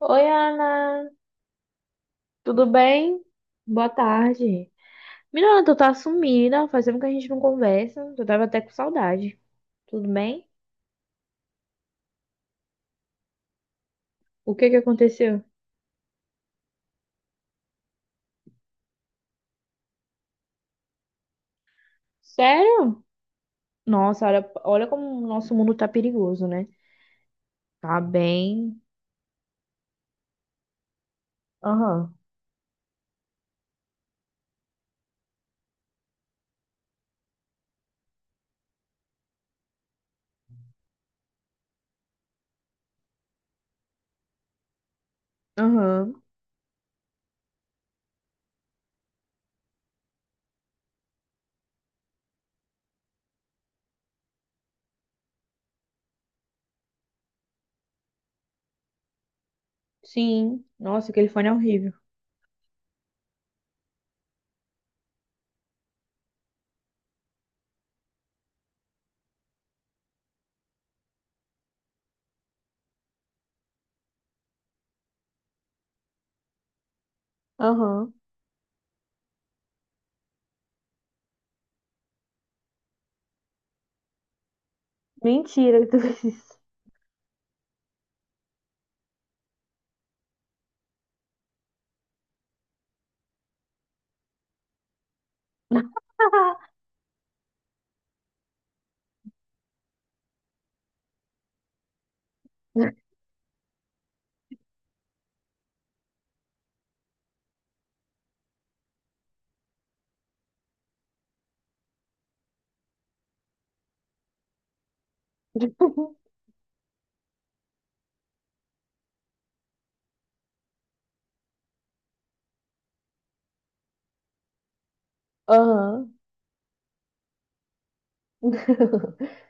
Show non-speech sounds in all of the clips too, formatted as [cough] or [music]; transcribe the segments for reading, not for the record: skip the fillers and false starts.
Oi, Ana, tudo bem? Boa tarde. Menina, tu tá sumida, faz tempo que a gente não conversa, tu tava até com saudade. Tudo bem? O que que aconteceu? Sério? Nossa, olha, olha como o nosso mundo tá perigoso, né? Tá bem. Aham, aham. Sim. Nossa, aquele fone é horrível. Aham. Mentira que tu fez isso. [laughs] Aham, [laughs]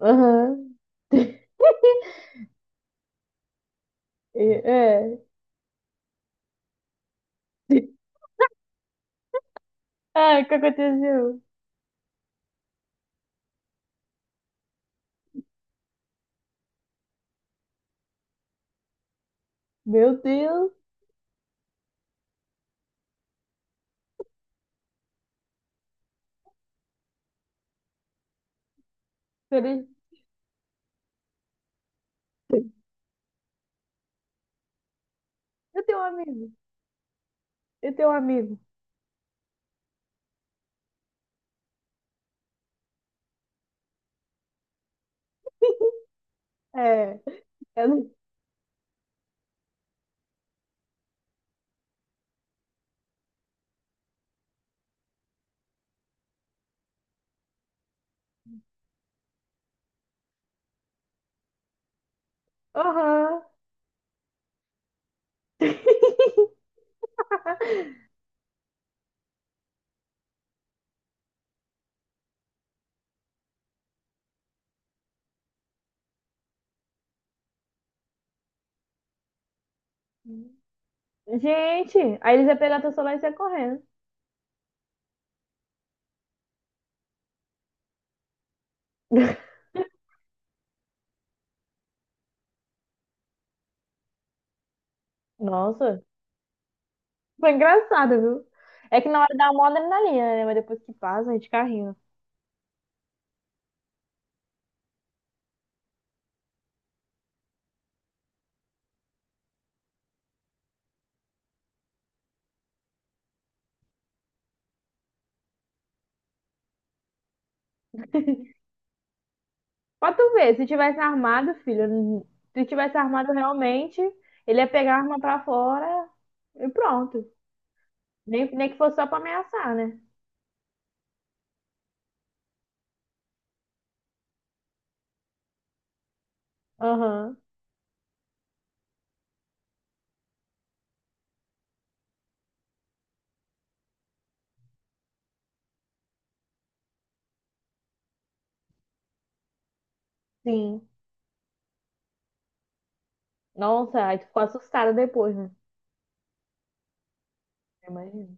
aham. [laughs] É. Ah, o que aconteceu? Meu Deus, ele... eu tenho um amigo, eu tenho um amigo. É, eu não- Aham. Gente, aí eles iam pegar teu celular e sair correndo. [laughs] Nossa, foi engraçado, viu? É que na hora dá uma adrenalina, né? Mas depois que passa, a gente carrinha. Pra tu ver, se tivesse armado realmente, ele ia pegar a arma pra fora e pronto. Nem, nem que fosse só pra ameaçar, né? Aham, sim. Nossa, aí tu ficou assustada depois, né? Imagina.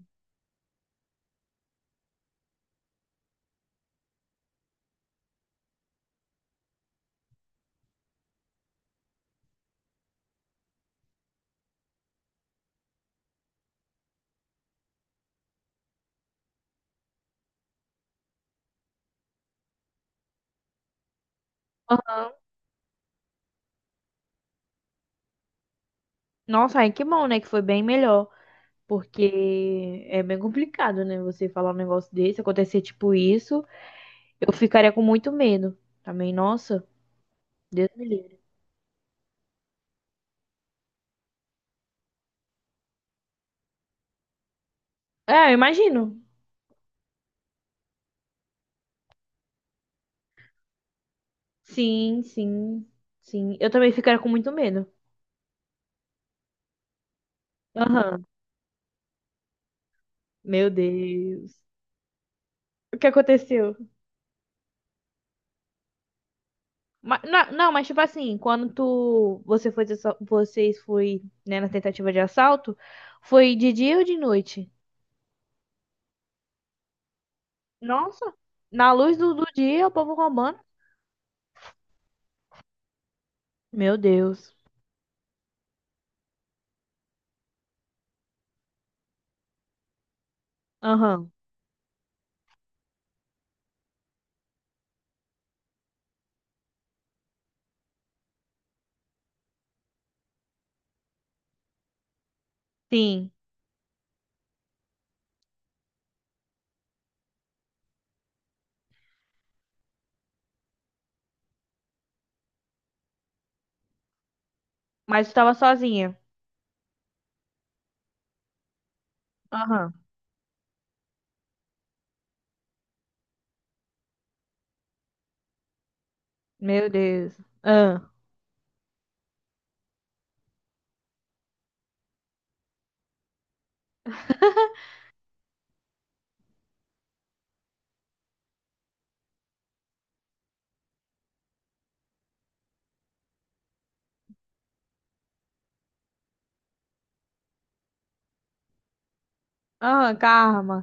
Nossa, aí que bom, né? Que foi bem melhor. Porque é bem complicado, né? Você falar um negócio desse, acontecer tipo isso, eu ficaria com muito medo. Também, nossa, Deus me livre. É, eu imagino. Sim, sim, sim. Eu também ficaria com muito medo. Aham. Meu Deus. O que aconteceu? Não, mas tipo assim, você foi, vocês foi, né, na tentativa de assalto, foi de dia ou de noite? Nossa, na luz do, do dia, o povo roubando. Meu Deus. Aham. Sim. Mas tu tava sozinha. Aham. Meu Deus. Ah. Aham, karma.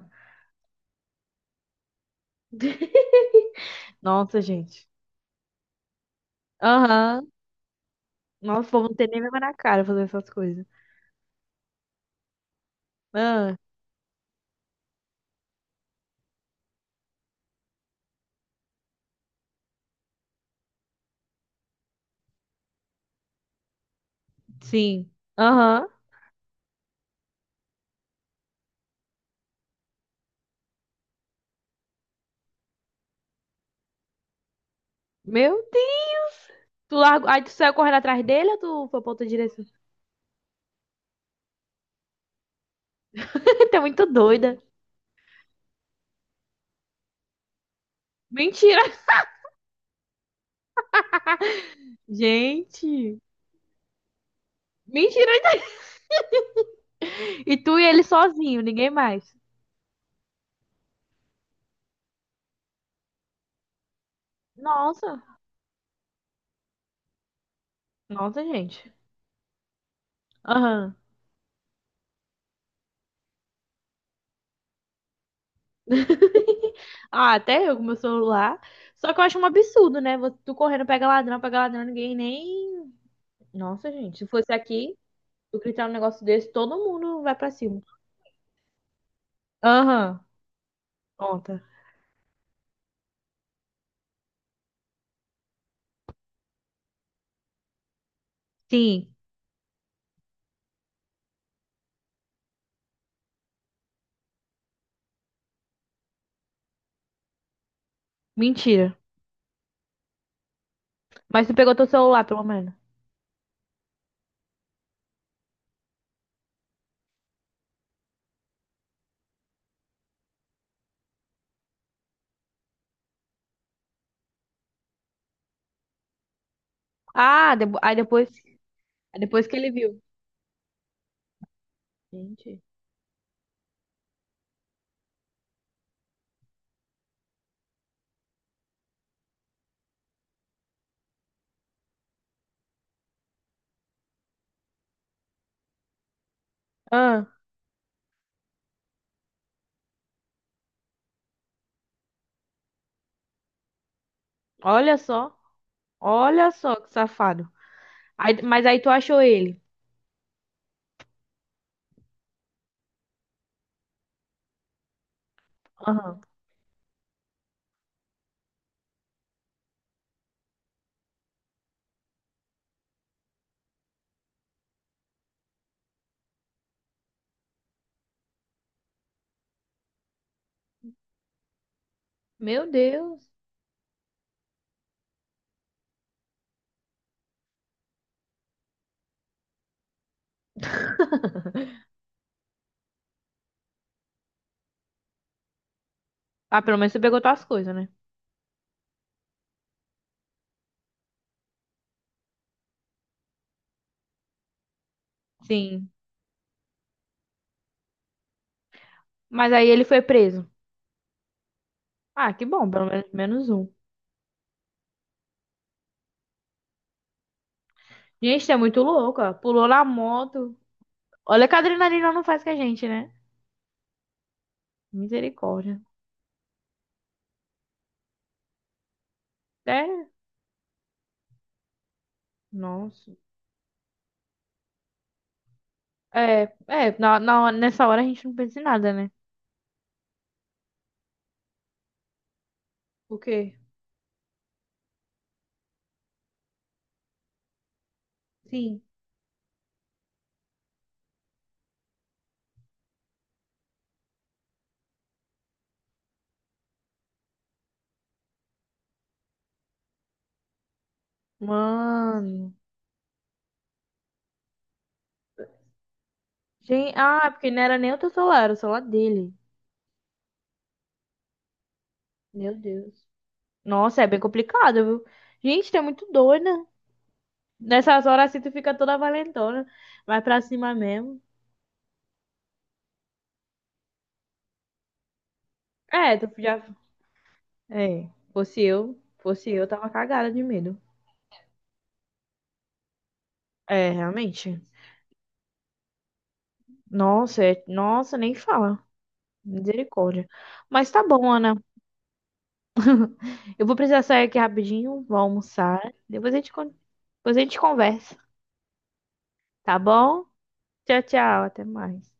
[laughs] Nossa, gente. Aham. Nossa, o povo não tem nem vergonha na cara fazer essas coisas. Ah, sim. Aham. Meu Deus. Tu largou. Aí tu saiu correndo atrás dele ou tu foi pra outra direção? [laughs] Tu é muito doida. Mentira. Gente. Mentira. E tu e ele sozinho, ninguém mais. Nossa. Nossa, gente. Aham. [laughs] Ah, até eu com meu celular. Só que eu acho um absurdo, né? Tu correndo, pega ladrão, ninguém nem. Nossa, gente, se fosse aqui, tu gritar um negócio desse, todo mundo vai pra cima. Aham, conta. Sim, mentira. Mas tu pegou teu celular, pelo menos. Aí depois. Aí depois que ele viu. Gente. Ah, olha só. Olha só que safado. Mas aí tu achou ele. Aham. Meu Deus. [laughs] Ah, pelo menos tu pegou tuas coisas, né? Sim. Mas aí ele foi preso. Ah, que bom, pelo menos menos um. Gente, é muito louco, ó. Pulou na moto. Olha que a adrenalina não faz com a gente, né? Misericórdia. É, nossa. Na, nessa hora a gente não pensa em nada, né? O quê? Sim. Mano. Gente, ah, porque não era nem o teu celular, era o celular dele. Meu Deus. Nossa, é bem complicado, viu? Gente, tu é muito doida. Nessas horas assim tu fica toda valentona. Vai pra cima mesmo. É, tu já É, fosse eu, tava cagada de medo. É, realmente. Nossa, nem fala. Misericórdia. Mas tá bom, Ana. Eu vou precisar sair aqui rapidinho, vou almoçar. Depois a gente conversa, tá bom? Tchau, tchau, até mais.